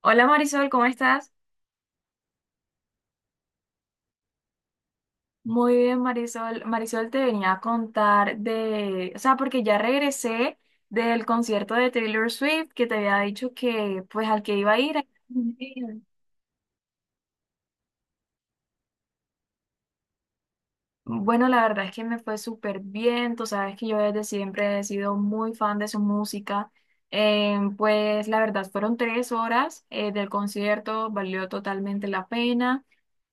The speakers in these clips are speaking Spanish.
Hola Marisol, ¿cómo estás? Muy bien, Marisol. Marisol te venía a contar de, o sea, porque ya regresé del concierto de Taylor Swift que te había dicho que pues al que iba a ir. Bueno, la verdad es que me fue súper bien, tú sabes que yo desde siempre he sido muy fan de su música. Pues la verdad fueron tres horas del concierto, valió totalmente la pena.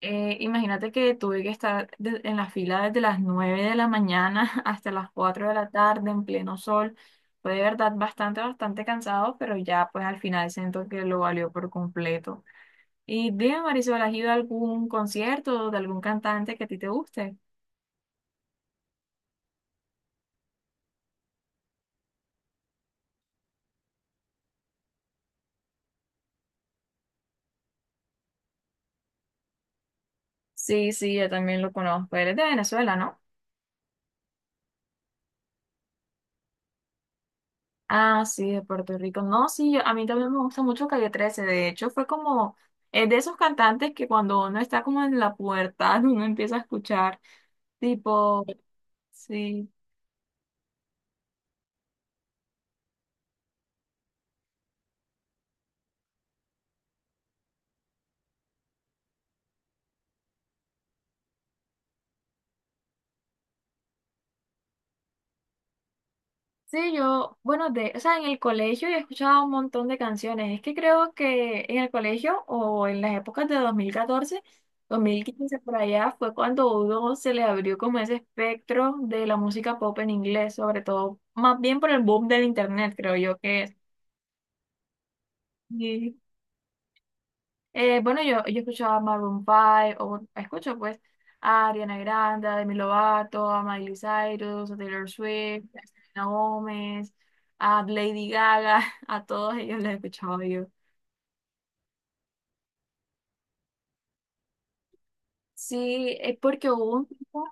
Imagínate que tuve que estar en la fila desde las nueve de la mañana hasta las cuatro de la tarde en pleno sol, fue de verdad bastante, bastante cansado, pero ya pues al final siento que lo valió por completo. Y dime, Marisol, ¿has ido a algún concierto de algún cantante que a ti te guste? Sí, sí, yo también lo conozco. Él es de Venezuela, ¿no? Ah, sí, de Puerto Rico. No, sí, a mí también me gusta mucho Calle trece. De hecho, fue es de esos cantantes que cuando uno está como en la pubertad, uno empieza a escuchar, tipo, sí. Sí, bueno, o sea, en el colegio he escuchado un montón de canciones. Es que creo que en el colegio o en las épocas de dos mil catorce, dos mil quince, por allá fue cuando a uno se le abrió como ese espectro de la música pop en inglés, sobre todo, más bien por el boom del internet, creo yo que es. Yo escuchaba a Maroon 5, o bueno, escucho pues a Ariana Grande, a Demi Lovato, a Miley Cyrus, a Taylor Swift, a Selena Gómez, a Lady Gaga, a todos ellos los escuchaba yo. Sí, es porque hubo un tiempo.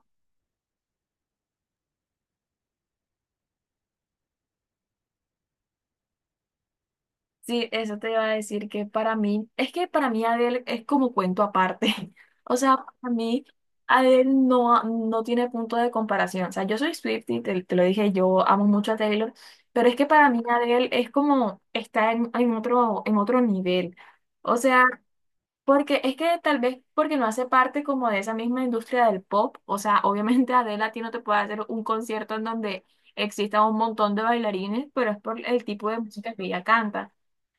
Sí, eso te iba a decir que para mí, es que para mí Adele es como cuento aparte. O sea, para mí Adele no, no tiene punto de comparación. O sea, yo soy Swiftie, te lo dije, yo amo mucho a Taylor, pero es que para mí Adele es como está en otro nivel. O sea, porque es que tal vez porque no hace parte como de esa misma industria del pop. O sea, obviamente Adele a ti no te puede hacer un concierto en donde exista un montón de bailarines, pero es por el tipo de música que ella canta.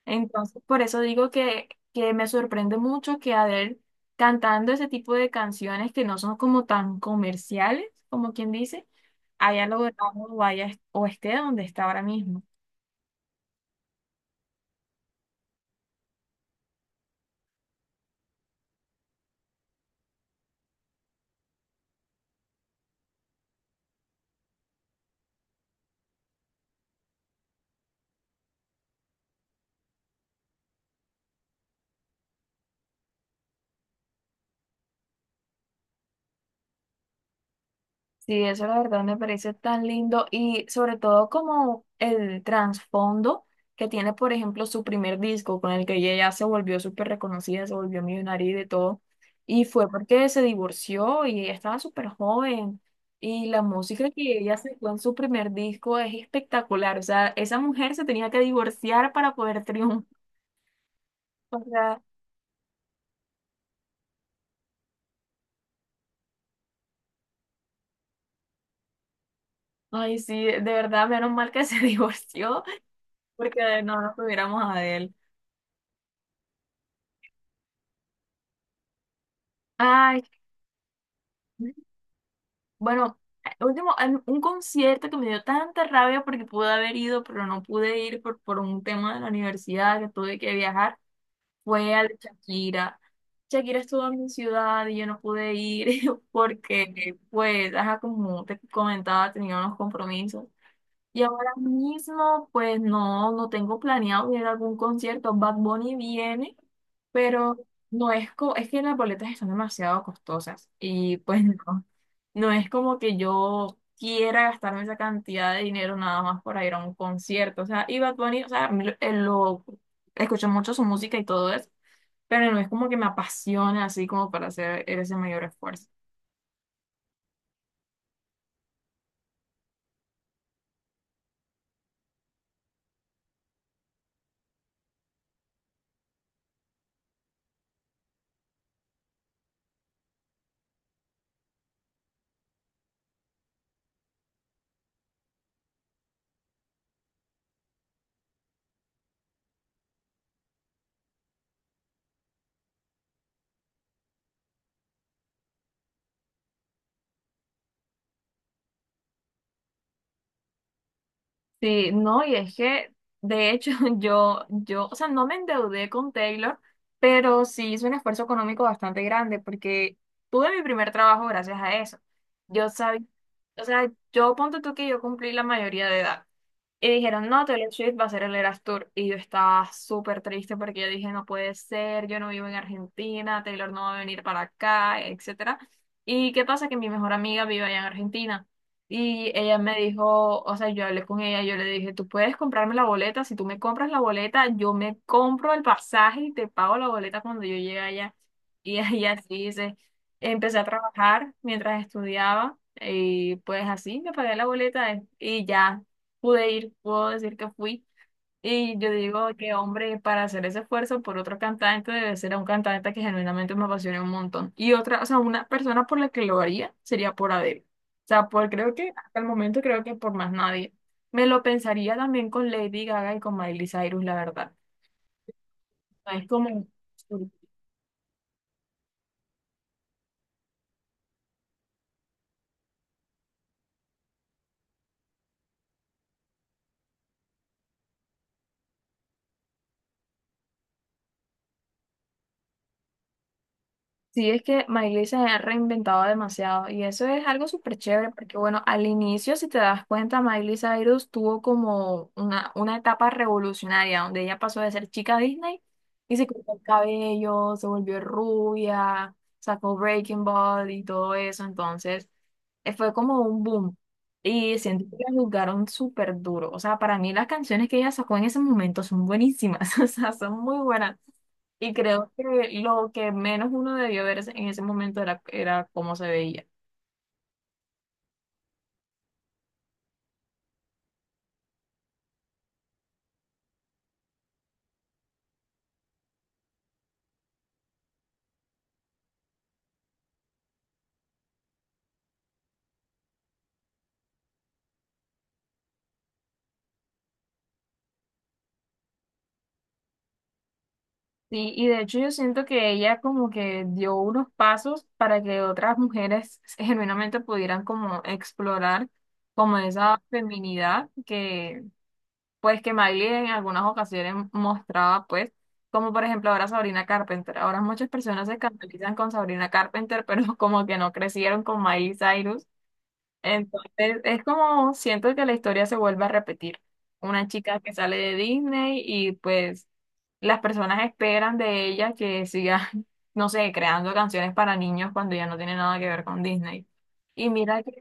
Entonces, por eso digo que me sorprende mucho que Adele cantando ese tipo de canciones que no son como tan comerciales, como quien dice, haya logrado o esté donde está ahora mismo. Sí, eso la verdad me parece tan lindo y sobre todo como el trasfondo que tiene, por ejemplo, su primer disco con el que ella ya se volvió súper reconocida, se volvió millonaria y de todo. Y fue porque se divorció y ella estaba súper joven. Y la música que ella sacó en su primer disco es espectacular. O sea, esa mujer se tenía que divorciar para poder triunfar. O sea, ay, sí, de verdad, menos mal que se divorció porque no nos tuviéramos a él. Ay. Bueno, un concierto que me dio tanta rabia porque pude haber ido, pero no pude ir por un tema de la universidad que tuve que viajar, fue al de Shakira. Shakira estuvo en mi ciudad y yo no pude ir porque, pues, ajá, como te comentaba, tenía unos compromisos. Y ahora mismo, pues, no, no tengo planeado ir a algún concierto. Bad Bunny viene, pero no es, co- es que las boletas están demasiado costosas y pues no. No es como que yo quiera gastarme esa cantidad de dinero nada más para ir a un concierto. O sea, y Bad Bunny, o sea, a mí lo, escucho mucho su música y todo eso, pero no es como que me apasiona así como para hacer ese mayor esfuerzo. Sí, no, y de hecho, o sea, no me endeudé con Taylor, pero sí hice un esfuerzo económico bastante grande porque tuve mi primer trabajo gracias a eso. Yo sabía, o sea, yo ponte tú que yo cumplí la mayoría de edad. Y dijeron, no, Taylor Swift va a ser el Eras Tour. Y yo estaba súper triste porque yo dije, no puede ser, yo no vivo en Argentina, Taylor no va a venir para acá, etcétera. ¿Y qué pasa? Que mi mejor amiga vive allá en Argentina. Y ella me dijo, o sea, yo hablé con ella, yo le dije, tú puedes comprarme la boleta, si tú me compras la boleta, yo me compro el pasaje y te pago la boleta cuando yo llegue allá. Y ella así dice, empecé a trabajar mientras estudiaba y pues así me pagué la boleta y ya pude ir, puedo decir que fui. Y yo digo que, hombre, para hacer ese esfuerzo por otro cantante debe ser un cantante que genuinamente me apasione un montón. Y otra, o sea, una persona por la que lo haría sería por Adele. O sea, creo que hasta el momento creo que por más nadie. Me lo pensaría también con Lady Gaga y con Miley Cyrus, la verdad. O sea, es como... Sí, es que Miley se ha reinventado demasiado y eso es algo súper chévere porque bueno, al inicio, si te das cuenta, Miley Cyrus tuvo como una etapa revolucionaria donde ella pasó de ser chica Disney y se cortó el cabello, se volvió rubia, sacó Breaking Bad y todo eso, entonces fue como un boom y siento que la juzgaron súper duro, o sea, para mí las canciones que ella sacó en ese momento son buenísimas, o sea, son muy buenas. Y creo que lo que menos uno debió ver en ese momento era cómo se veía. Sí, y de hecho yo siento que ella como que dio unos pasos para que otras mujeres genuinamente pudieran como explorar como esa feminidad que pues que Miley en algunas ocasiones mostraba pues, como por ejemplo ahora Sabrina Carpenter. Ahora muchas personas se escandalizan con Sabrina Carpenter, pero como que no crecieron con Miley Cyrus. Entonces, es como siento que la historia se vuelve a repetir. Una chica que sale de Disney y pues las personas esperan de ella que siga, no sé, creando canciones para niños cuando ya no tiene nada que ver con Disney. Y mira que,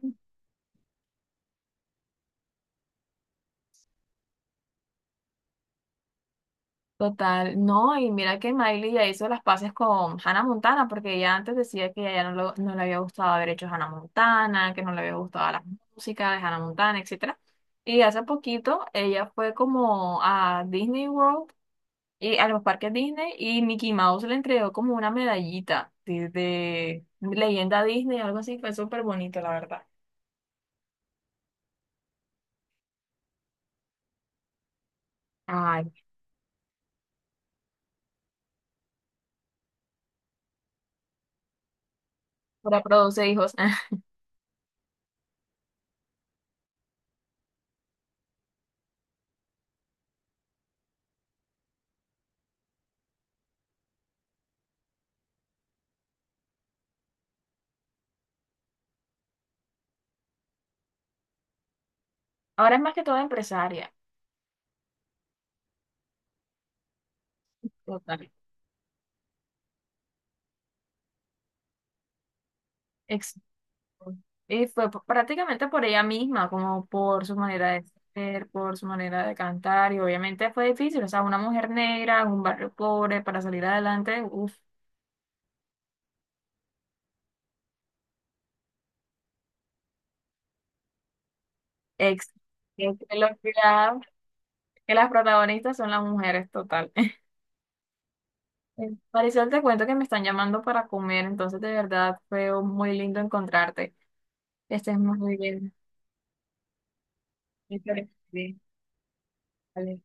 total, no, y mira que Miley ya hizo las paces con Hannah Montana, porque ella antes decía que a ella no, no le había gustado haber hecho Hannah Montana, que no le había gustado la música de Hannah Montana, etcétera. Y hace poquito ella fue como a Disney World a los parques Disney y Mickey Mouse le entregó como una medallita sí, de leyenda Disney, algo así, fue súper bonito, la verdad. Ay, para produce hijos. Ahora es más que todo empresaria. Total. Ex- Y fue prácticamente por ella misma, como por su manera de ser, por su manera de cantar, y obviamente fue difícil, o sea, una mujer negra en un barrio pobre para salir adelante, uff, ex, es que lo que las protagonistas son las mujeres, total. Marisol, te cuento que me están llamando para comer, entonces de verdad fue muy lindo encontrarte. Estés muy bien. Muchas gracias. Vale.